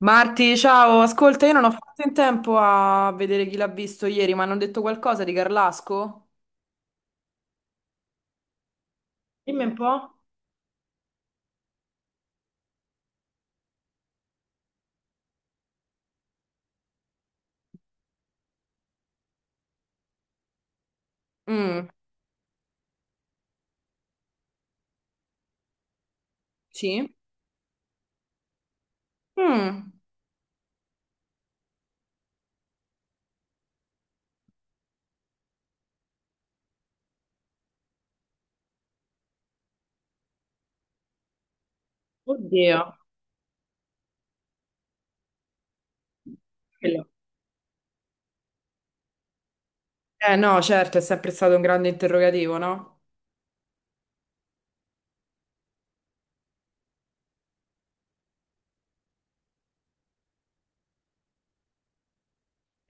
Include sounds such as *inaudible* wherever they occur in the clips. Marti, ciao, ascolta, io non ho fatto in tempo a vedere chi l'ha visto ieri, ma hanno detto qualcosa di Carlasco? Dimmi un po'. Mm. Sì? Mm. Oddio. Quello. Eh no, certo, è sempre stato un grande interrogativo, no?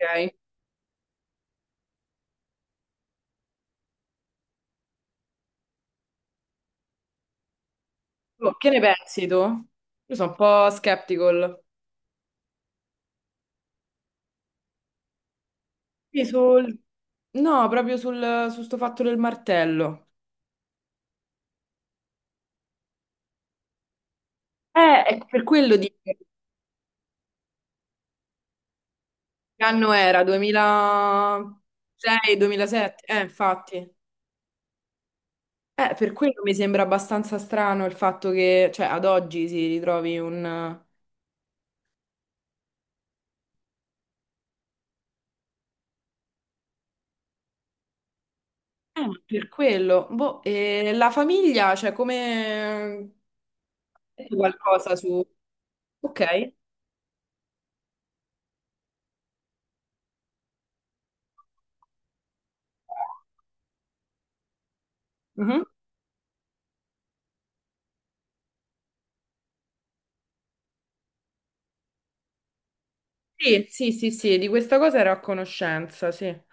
Ok. Oh, che ne pensi tu? Io sono un po' skeptical. Sì, sul- No, proprio sul, su sto fatto del martello. È per quello di che anno era? 2006, 2007? Infatti. Per quello mi sembra abbastanza strano il fatto che, cioè, ad oggi si ritrovi un... ma per quello. Boh, e la famiglia, cioè, come... Qualcosa su... Ok. Mhm. Sì, sì, sì, sì, di questa cosa ero a conoscenza, sì. Non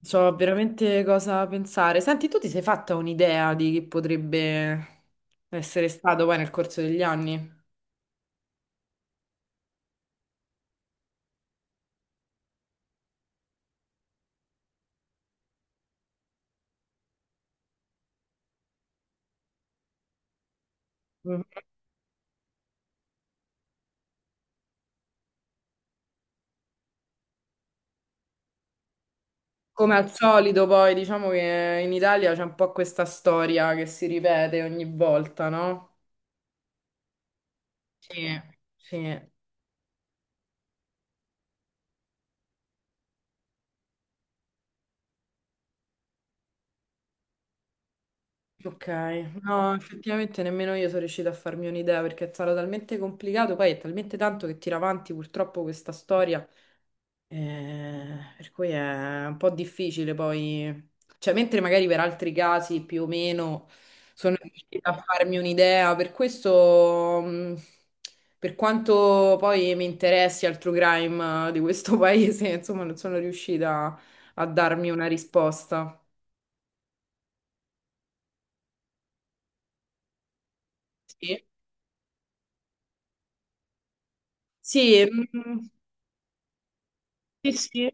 so veramente cosa pensare. Senti, tu ti sei fatta un'idea di chi potrebbe essere stato poi nel corso degli anni? Mhm. Come al solito, poi diciamo che in Italia c'è un po' questa storia che si ripete ogni volta, no? Sì. Sì. Ok. No, effettivamente nemmeno io sono riuscita a farmi un'idea perché è stato talmente complicato, poi è talmente tanto che tira avanti purtroppo questa storia. Per cui è un po' difficile poi, cioè, mentre magari per altri casi più o meno sono riuscita a farmi un'idea, per questo, per quanto poi mi interessi al true crime di questo *laughs* paese, insomma, non sono riuscita a darmi una risposta. Sì, sì, mm, sì, sì.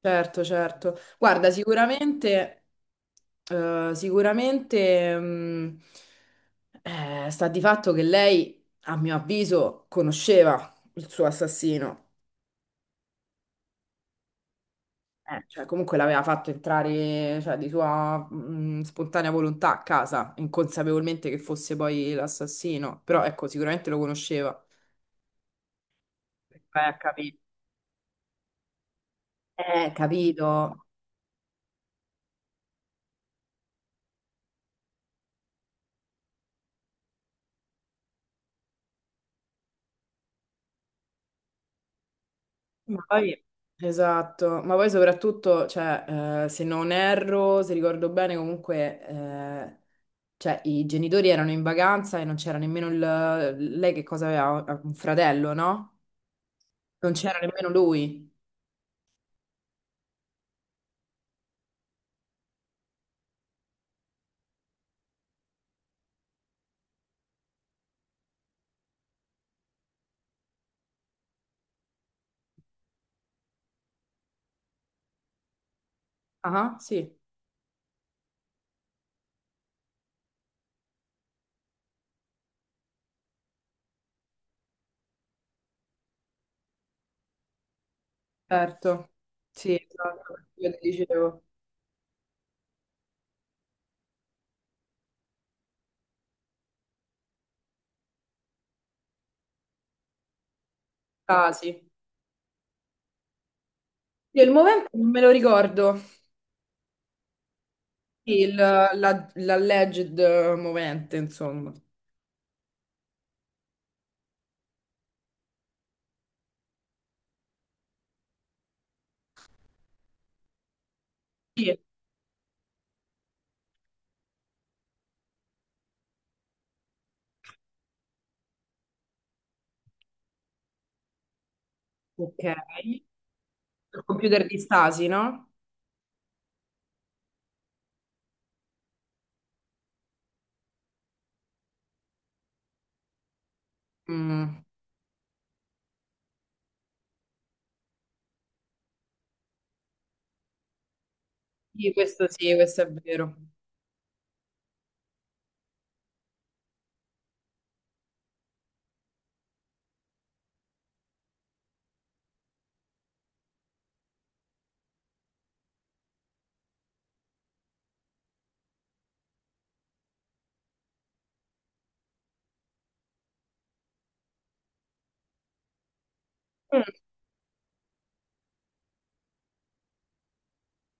Certo, certo. Guarda, sicuramente, sicuramente, sta di fatto che lei, a mio avviso, conosceva il suo assassino. Cioè, comunque l'aveva fatto entrare, cioè, di sua, spontanea volontà a casa, inconsapevolmente che fosse poi l'assassino. Però, ecco, sicuramente lo conosceva. Vai a capire. Capito. Ma poi, esatto, ma poi soprattutto, cioè, se non erro, se ricordo bene, comunque, cioè, i genitori erano in vacanza e non c'era nemmeno il... Lei che cosa aveva? Un fratello, no? Non c'era nemmeno lui. Ah, sì, certo. Sì, esatto, io ti dicevo. Ah, sì. Io il movente non me lo ricordo. Sì, l'alleged movente, insomma. Sì. Ok. Il computer di Stasi, no? Mm. Sì, questo è vero. Mm.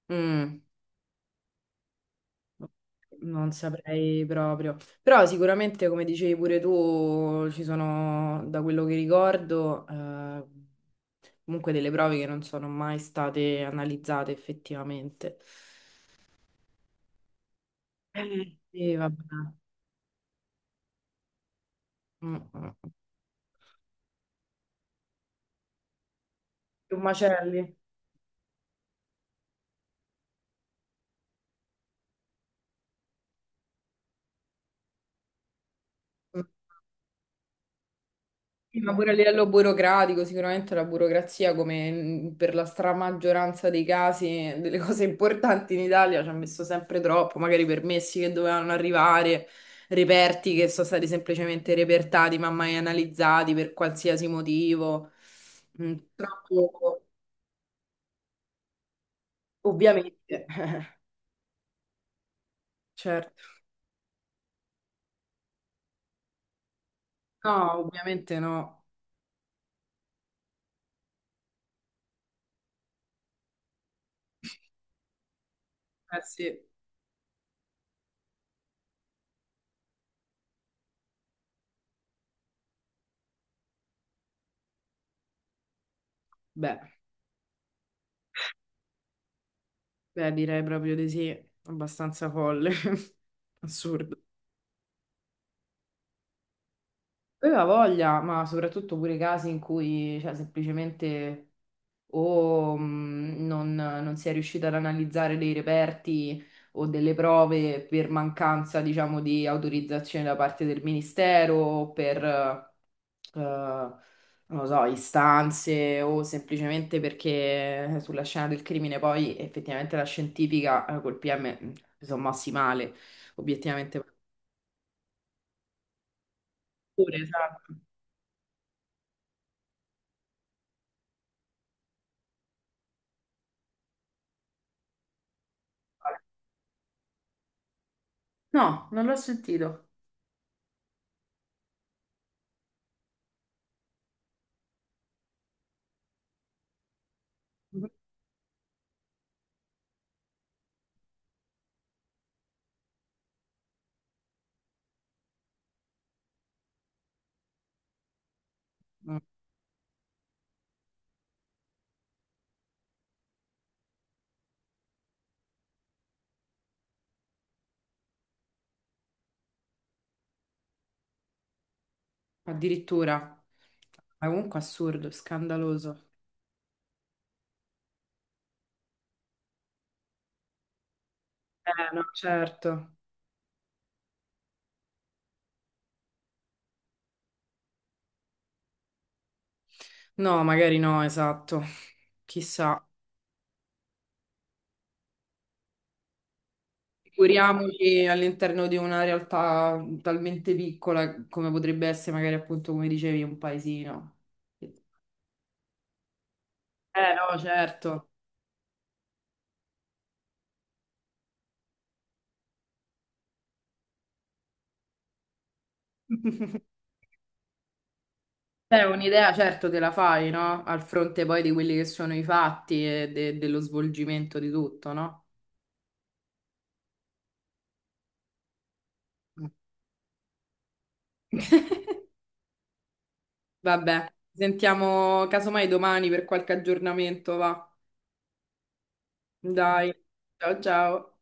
Mm. Non saprei proprio. Però sicuramente, come dicevi pure tu, ci sono, da quello che ricordo, comunque delle prove che non sono mai state analizzate effettivamente. Sì, vabbè. Mm, mm. Più macelli. Sì, ma pure a livello burocratico, sicuramente la burocrazia, come per la stramaggioranza dei casi, delle *laughs* cose importanti in Italia, ci ha messo sempre troppo, magari permessi che dovevano arrivare, reperti che sono stati semplicemente repertati, ma mai analizzati per qualsiasi motivo. Mm. Troppo, ovviamente, *laughs* certo. No, ovviamente no. Eh sì, beh, beh, direi proprio di sì, abbastanza folle, *laughs* assurdo. Aveva voglia, ma soprattutto pure casi in cui, cioè, semplicemente o non si è riuscita ad analizzare dei reperti o delle prove per mancanza, diciamo, di autorizzazione da parte del ministero, o per, non lo so, istanze o semplicemente perché sulla scena del crimine poi effettivamente la scientifica col PM si sono mossi male, obiettivamente. Pure, esatto. No, non l'ho sentito. Mm. Addirittura. Ma comunque assurdo, scandaloso. No, certo. No, magari no, esatto. Chissà. Figuriamoci all'interno di una realtà talmente piccola come potrebbe essere magari appunto, come dicevi, un paesino. No, certo. *laughs* Beh, un'idea certo te la fai, no? Al fronte poi di quelli che sono i fatti e dello svolgimento di tutto, no? *laughs* Vabbè, ci sentiamo casomai domani per qualche aggiornamento, va. Dai, ciao ciao.